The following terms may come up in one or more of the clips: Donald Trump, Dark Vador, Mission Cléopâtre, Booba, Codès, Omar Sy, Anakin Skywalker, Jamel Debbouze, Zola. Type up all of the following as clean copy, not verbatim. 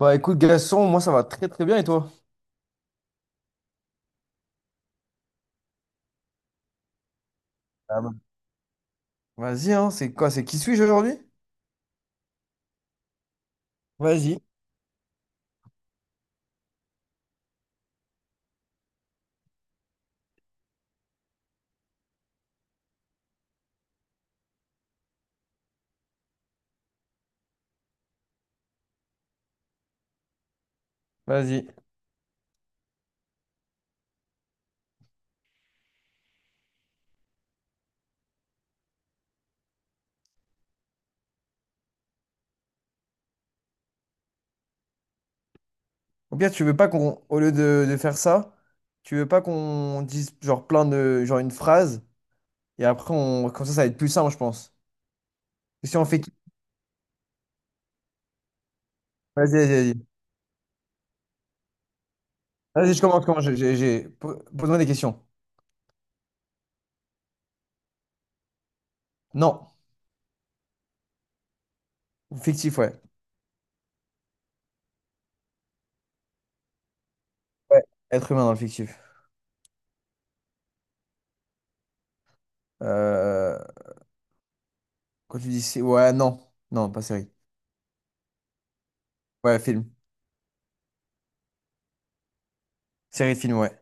Bah écoute Gaston, moi ça va très très bien et toi? Ah bah. Vas-y, hein, c'est quoi? C'est qui suis-je aujourd'hui? Vas-y, vas-y. Ou bien tu veux pas qu'on, au lieu de faire ça, tu veux pas qu'on dise genre plein de, genre une phrase, et après on, comme ça ça va être plus simple, je pense. Et si on fait qui? Vas-y, vas-y. Vas-y, je commence, j'ai- po- pose-moi des questions. Non, fictif, ouais. Ouais, être humain dans le fictif. Euh, Quand tu dis, ouais, non, non, pas série. Ouais, film. Série de film, ouais.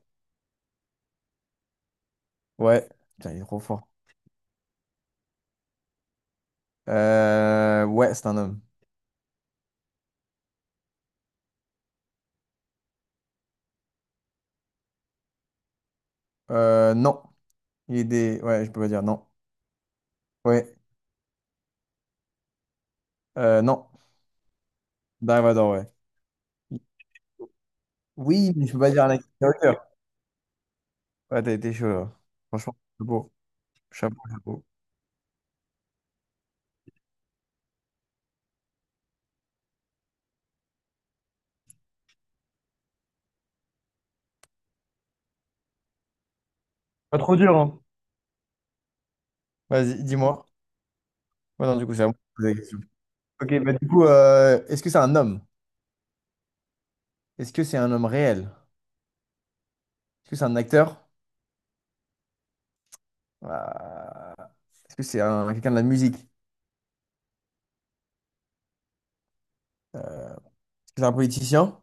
Ouais. Putain, il est trop fort. Ouais, c'est un homme. Non. Ouais, je peux pas dire non. Ouais. Non. Dark Vador, ouais. Oui, mais je peux pas dire Anakin Skywalker. Ouais, t'as été chaud, là. Franchement, chapeau. Chapeau, chapeau. Pas trop dur, hein? Vas-y, dis-moi. Ouais, non, du coup, c'est à moi de poser la question. Ok, bah du coup, est-ce que c'est un homme? Est-ce que c'est un homme réel? Est-ce que c'est un acteur? Euh, Est-ce que c'est quelqu'un de la musique? Est-ce que c'est un politicien?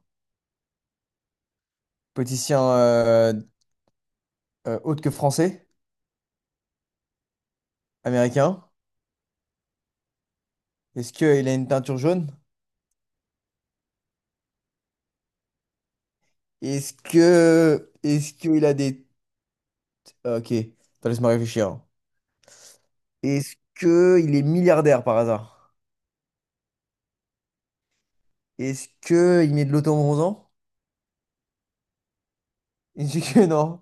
Politicien autre que français? Américain? Est-ce qu'il a une teinture jaune? Est-ce que. Est-ce qu'il a des. Ok, attends, laisse-moi réfléchir. Est-ce que il est milliardaire par hasard? Est-ce que il met de l'auto-bronzant? Est-ce que non?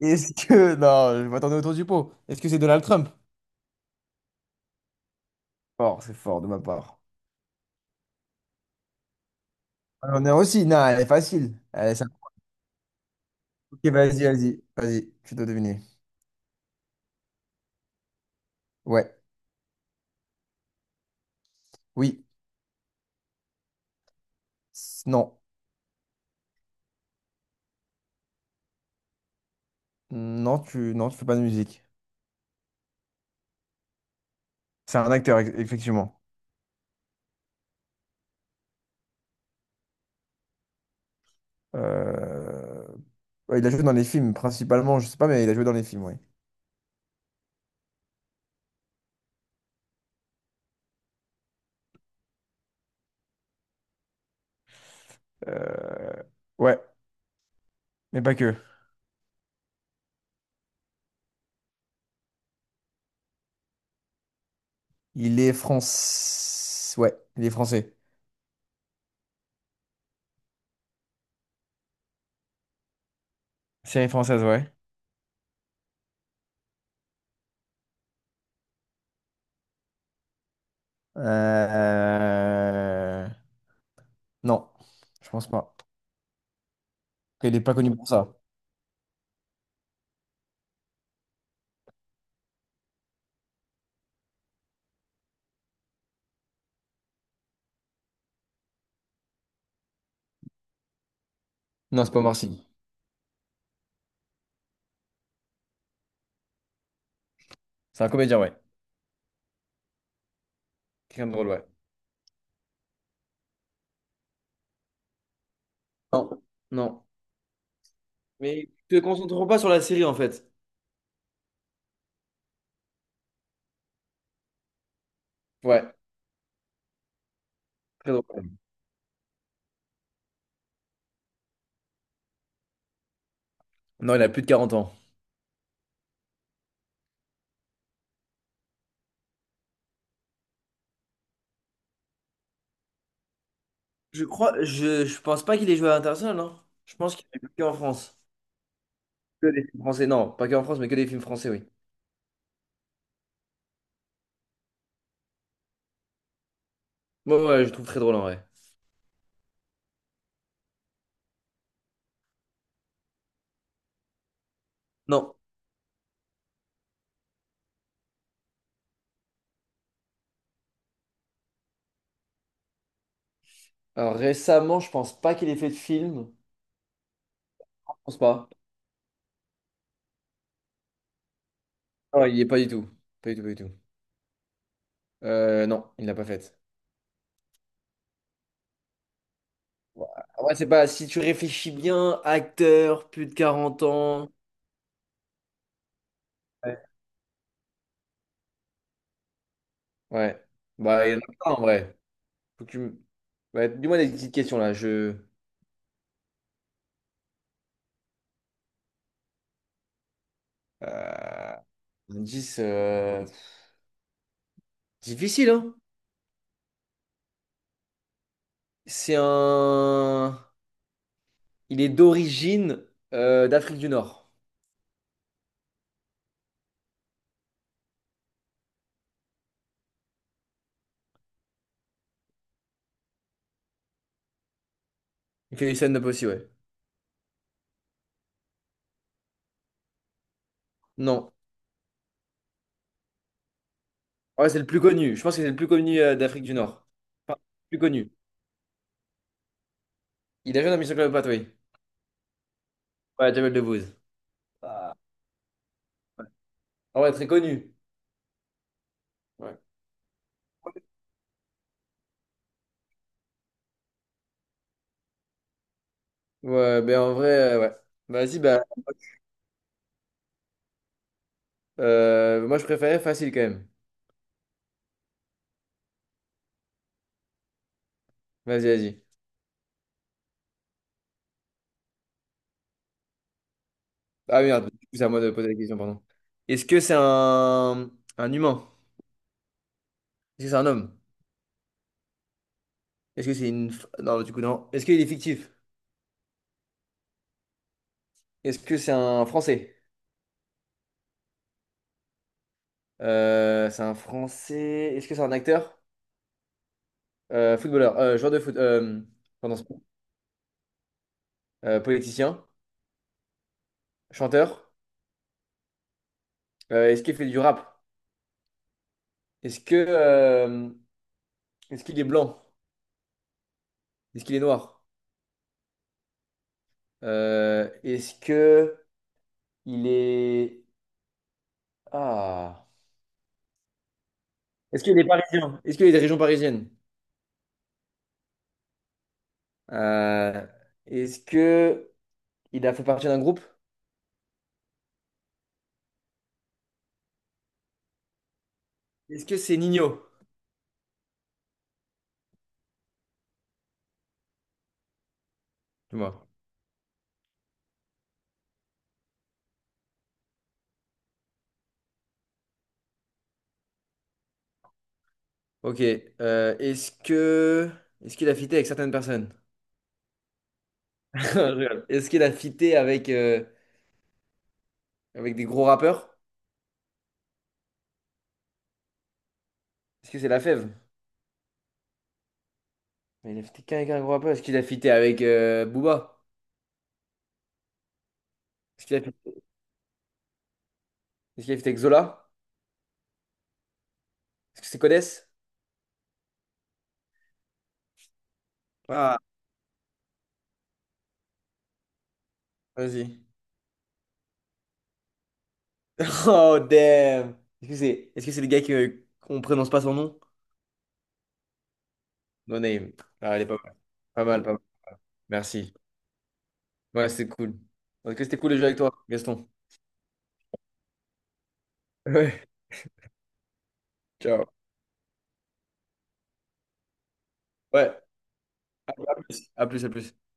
Est-ce que. Non, je m'attendais autour du pot. Est-ce que c'est Donald Trump? Fort, c'est fort de ma part. On est aussi. Non, elle est facile. Allez, ça- Ok, vas-y, Vas-y, tu dois deviner. Ouais, oui, non. Non, tu fais pas de musique. C'est un acteur, effectivement. Euh, ouais, il a joué dans les films principalement, je sais pas, mais il a joué dans les films, ouais. Euh, ouais, mais pas que. Ouais, il est français. Série française, ouais. Euh, Non, je pense pas. Il est pas connu pour ça. Non, c'est pas Omar Sy. C'est un comédien, ouais. Quelqu'un de drôle, ouais. Non, non. Mais tu te concentres pas sur la série en fait. Ouais, très drôle. Non, il a plus de 40 ans. Je crois, je pense pas qu'il ait joué à l'international, non? Je pense qu'il est joué en France. Que des films français, non, pas que en France, mais que des films français, oui. Ouais, ouais, je trouve très drôle en vrai. Non. Alors récemment, je pense pas qu'il ait fait de film. Je pense pas. Non, il y est pas du tout. Pas du tout, pas du tout. Non, il l'a pas fait. Ouais, en vrai, c'est pas. Si tu réfléchis bien, acteur, plus de 40 ans. Ouais. Ouais. Bah, il y en a plein en vrai. Faut que tu m- Ouais, dis-moi des petites questions là. Je. Euh... indice, difficile, hein? C'est un. Il est d'origine d'Afrique du Nord. Il fait du stand-up aussi, ouais. Non. Ouais, c'est le plus connu. Je pense que c'est le plus connu d'Afrique du Nord. Enfin, le plus connu. Il a joué dans Mission Cléopâtre, oui. Ouais, Jamel Debbouze. Ah ouais, très connu. Ouais. Ouais, ben en vrai, ouais. Bah, vas-y, bah. Moi, je préférais facile quand même. Vas-y, Ah merde, du coup, c'est à moi de poser la question, pardon. Est-ce que c'est un humain? Est-ce que c'est un homme? Est-ce que c'est une. F- Non, du coup, non. Est-ce qu'il est fictif? Est-ce que c'est un Français? C'est un Français. Est-ce que c'est un acteur? Joueur de foot, pardon, sport. Politicien, chanteur. Est-ce qu'il fait du rap? Est-ce que, euh, Est-ce qu'il est blanc? Est-ce qu'il est noir? Est-ce que il est ah Est-ce qu'il est parisien? Est-ce qu'il est des régions parisiennes? Euh, Est-ce que il a fait partie d'un groupe? Est-ce que c'est Nino? Moi. Ok. euh, est-ce que Est-ce qu'il a fité avec certaines personnes? Je rigole. Est-ce qu'il a fité avec des gros rappeurs? Est-ce que c'est la fève? Mais il a fité qu'avec un gros rappeur. Est-ce qu'il a fité avec Booba? Est-ce qu'il a, fi- Est-ce qu'il a fité avec Zola? Est-ce que c'est Codès? Ah, vas-y. Oh damn! Est-ce que c'est le gars que qu'on prononce pas son nom? No name. Ah, elle est pas mal. Pas mal, pas mal. Merci. Ouais, c'est cool. Est-ce que c'était cool de jouer avec toi, Gaston? Ouais. Ciao. Ouais. À plus, à plus.